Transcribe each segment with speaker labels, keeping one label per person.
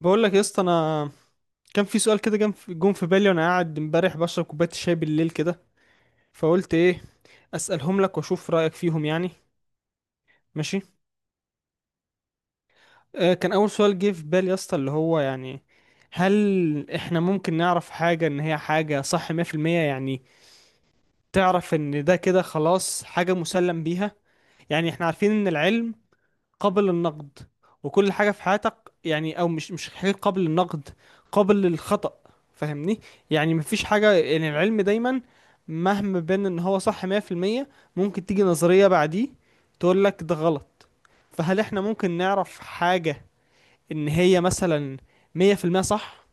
Speaker 1: بقول لك يا اسطى انا كان في سؤال كده جم في بالي وانا قاعد امبارح بشرب كوبايه الشاي بالليل كده فقلت ايه اسالهم لك واشوف رايك فيهم يعني ماشي. آه، كان اول سؤال جه في بالي يا اسطى اللي هو يعني هل احنا ممكن نعرف حاجه ان هي حاجه صح 100% يعني تعرف ان ده كده خلاص حاجه مسلم بيها. يعني احنا عارفين ان العلم قابل للنقد، وكل حاجة في حياتك يعني او مش حاجة قابل للنقد، قابل للخطأ. فاهمني، يعني مفيش حاجة، يعني العلم دايما مهما بان ان هو صح 100% ممكن تيجي نظرية بعديه تقول لك ده غلط. فهل احنا ممكن نعرف حاجة ان هي مثلا 100% صح؟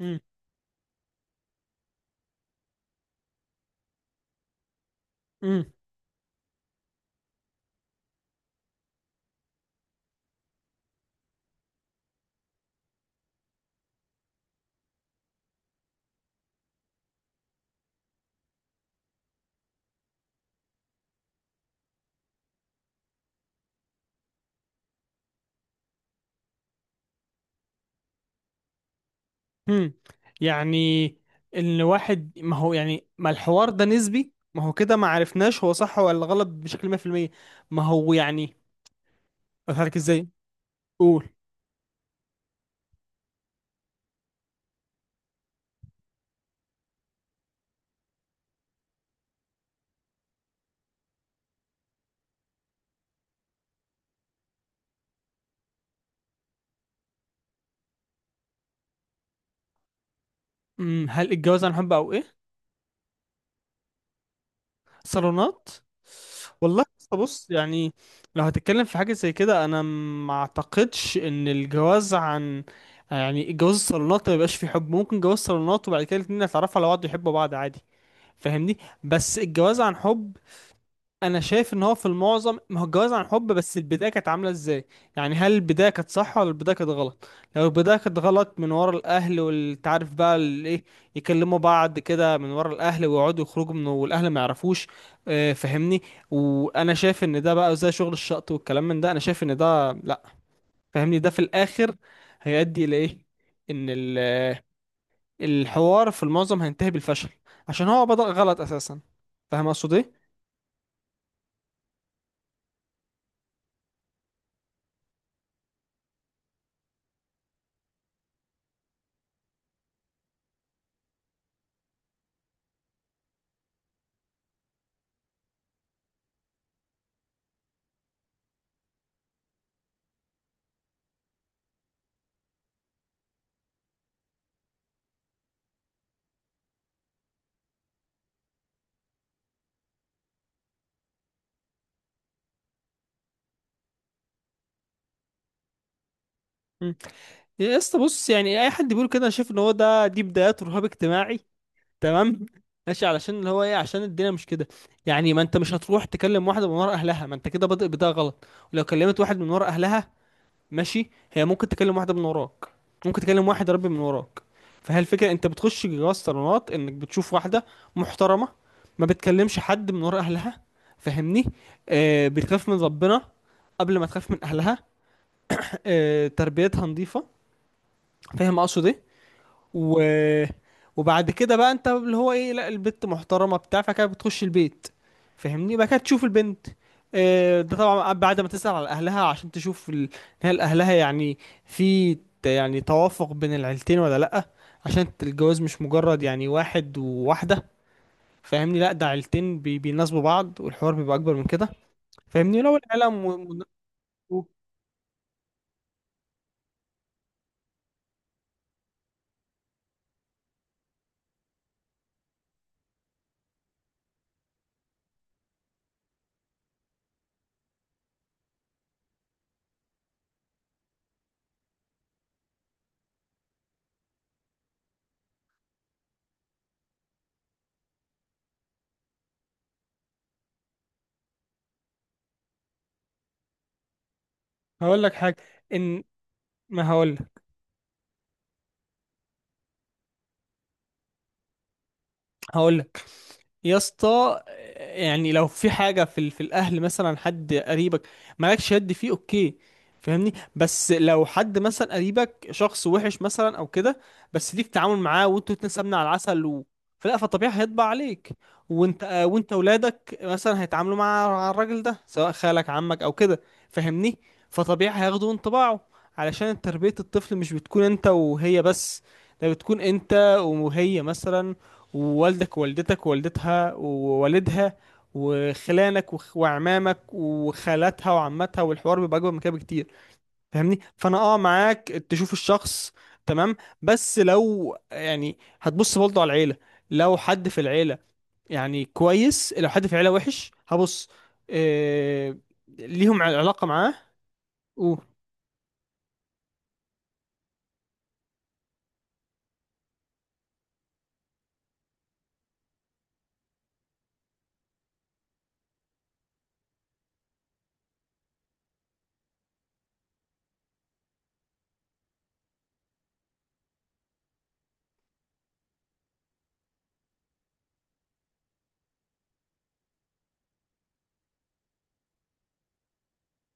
Speaker 1: مم. مم. مم. يعني ان واحد، ما هو يعني ما الحوار ده نسبي، ما هو كده ما عرفناش هو صح ولا غلط بشكل 100%. ما هو يعني اضحك ازاي. قول. هل الجواز عن حب او ايه؟ صالونات. والله بص، يعني لو هتتكلم في حاجه زي كده انا ما اعتقدش ان الجواز عن، يعني الجواز الصالونات ما بيبقاش فيه حب. ممكن جواز صالونات وبعد كده الاتنين يتعرفوا على بعض ويحبوا بعض عادي. فاهمني؟ بس الجواز عن حب، انا شايف ان هو في المعظم، ما هو الجواز عن حب، بس البدايه كانت عامله ازاي. يعني هل البدايه كانت صح ولا البدايه كانت غلط؟ لو البدايه كانت غلط من ورا الاهل، والتعرف بقى الايه، يكلموا بعض كده من ورا الاهل ويقعدوا يخرجوا منه والاهل ما يعرفوش، فاهمني، وانا شايف ان ده بقى زي شغل الشقط والكلام من ده. انا شايف ان ده لا. فاهمني، ده في الاخر هيؤدي الى ايه؟ ان الحوار في المعظم هينتهي بالفشل، عشان هو بدأ غلط اساسا. فاهم اقصد ايه يا اسطى؟ بص، يعني اي حد بيقول كده انا شايف ان هو ده، دي بدايات رهاب اجتماعي. تمام؟ ماشي، علشان اللي هو ايه، عشان الدنيا مش كده. يعني ما انت مش هتروح تكلم واحده من ورا اهلها، ما انت كده بادئ بدايه غلط. ولو كلمت واحد من ورا اهلها، ماشي، هي ممكن تكلم واحده من وراك، ممكن تكلم واحد يا ربي من وراك. فهي الفكره، انت بتخش جواز صالونات انك بتشوف واحده محترمه، ما بتكلمش حد من ورا اهلها، فاهمني، آه، بتخاف من ربنا قبل ما تخاف من اهلها، آه، تربيتها نظيفه. فاهم اقصد ايه؟ و... وبعد كده بقى، انت اللي هو ايه، لا البت محترمه بتاع، فكانت بتخش البيت. فاهمني؟ بقى كانت تشوف البنت، آه، ده طبعا بعد ما تسأل على اهلها عشان تشوف هل اهلها يعني في يعني توافق بين العيلتين ولا لا. عشان الجواز مش مجرد يعني واحد وواحده، فاهمني، لا ده عيلتين بيناسبوا بعض، والحوار بيبقى اكبر من كده. فاهمني لو العيله م... هقول لك حاجه، ان، ما هقول، هقول يا اسطى، يعني لو في حاجة في في الأهل، مثلا حد قريبك مالكش يد فيه، أوكي، فاهمني. بس لو حد مثلا قريبك شخص وحش مثلا أو كده، بس ليك تعامل معاه وانتوا الاتنين سمنة على العسل و... فلا، فطبيعي هيطبع عليك. وانت وانت ولادك مثلا هيتعاملوا مع الراجل ده سواء خالك عمك أو كده، فاهمني، فطبيعي هياخدوا انطباعه. علشان تربية الطفل مش بتكون انت وهي بس، ده بتكون انت وهي مثلا، ووالدك ووالدتك ووالدتها ووالدها، وخلانك وعمامك وخالاتها وعماتها، والحوار بيبقى اكبر من كده بكتير. فاهمني؟ فانا اه معاك تشوف الشخص، تمام، بس لو يعني هتبص برضه على العيله. لو حد في العيله، يعني كويس، لو حد في العيله وحش هبص، إيه، ليهم علاقه معاه و...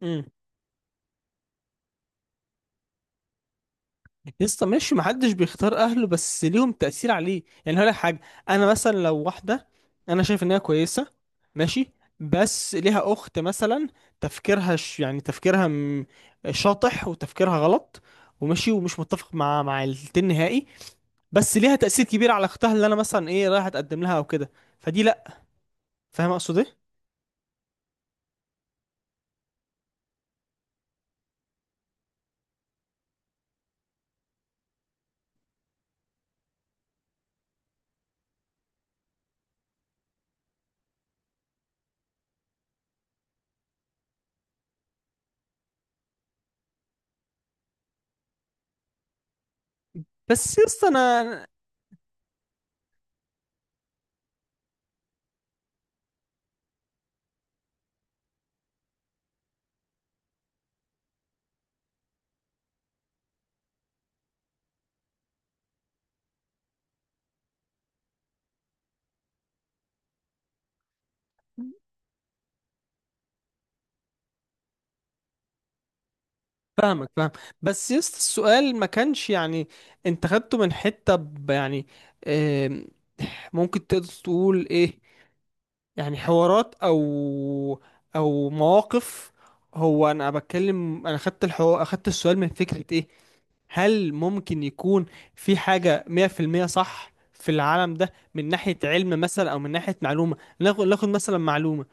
Speaker 1: مم. يسطا ماشي، محدش بيختار اهله، بس ليهم تأثير عليه. يعني هقول لك حاجة، انا مثلا لو واحدة انا شايف ان هي كويسة، ماشي، بس ليها اخت مثلا تفكيرها يعني شاطح وتفكيرها غلط، وماشي ومش متفق مع التين نهائي، بس ليها تأثير كبير على اختها اللي انا مثلا ايه رايح اتقدم لها او كده، فدي لا. فاهم اقصد ايه؟ بس يسطا انا فاهمك، فاهم، بس يست السؤال ما كانش يعني انت خدته من حتة يعني، آم، ممكن تقدر تقول ايه، يعني حوارات او او مواقف. هو انا بتكلم، انا خدت اخدت السؤال من فكرة ايه، هل ممكن يكون في حاجة 100% صح في العالم ده من ناحية علم مثلا او من ناحية معلومة. ناخد مثلا معلومة،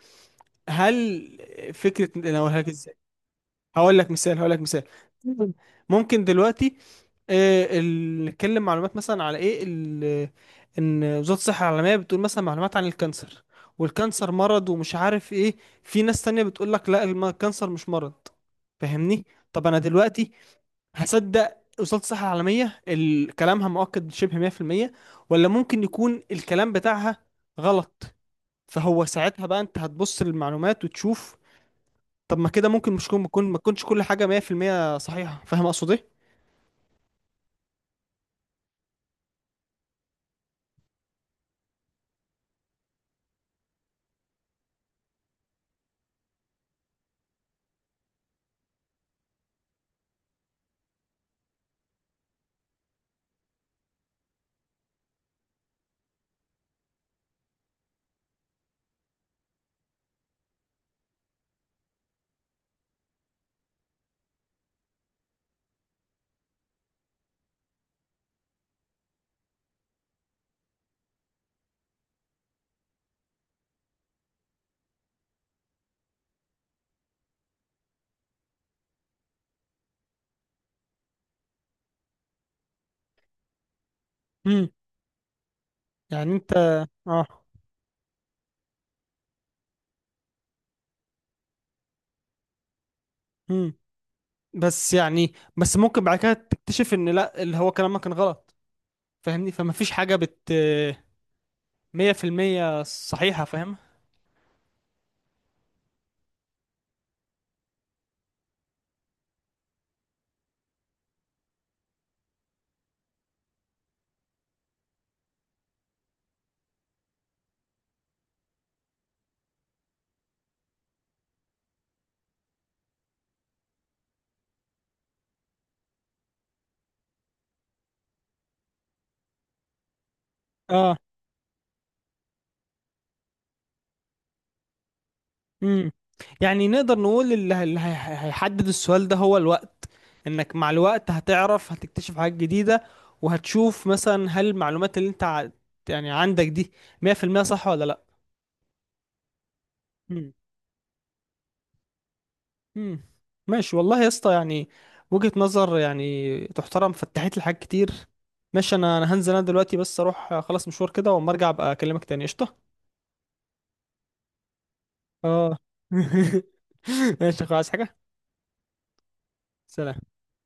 Speaker 1: هل فكرة، انا هقولها لك. هقول لك مثال. ممكن دلوقتي، نتكلم معلومات مثلا على ايه ان وزارة الصحة العالمية بتقول مثلا معلومات عن الكانسر، والكانسر مرض ومش عارف ايه. في ناس تانية بتقول لك لا، الكانسر مش مرض. فاهمني؟ طب انا دلوقتي هصدق وزارة الصحة العالمية كلامها مؤكد شبه 100%، ولا ممكن يكون الكلام بتاعها غلط؟ فهو ساعتها بقى انت هتبص للمعلومات وتشوف. طب ما كده ممكن مش كون ما ما تكونش كل حاجة 100% صحيحة. فاهم اقصد ايه؟ امم يعني انت اه امم بس يعني، بس ممكن بعد كده تكتشف ان لا، اللي هو كلامك كان غلط. فاهمني، فما فيش حاجة بت 100% صحيحة. فاهم؟ اه. امم يعني نقدر نقول اللي هيحدد السؤال ده هو الوقت، انك مع الوقت هتعرف، هتكتشف حاجات جديدة، وهتشوف مثلا هل المعلومات اللي انت يعني عندك دي 100% صح ولا لا. مم. ماشي والله يا اسطى، يعني وجهة نظر يعني تحترم، فتحت لي حاجات كتير. ماشي، انا هنزل انا دلوقتي بس اروح اخلص مشوار كده، واما ارجع ابقى اكلمك تاني. قشطة. اه. ماشي خلاص حاجة. سلام.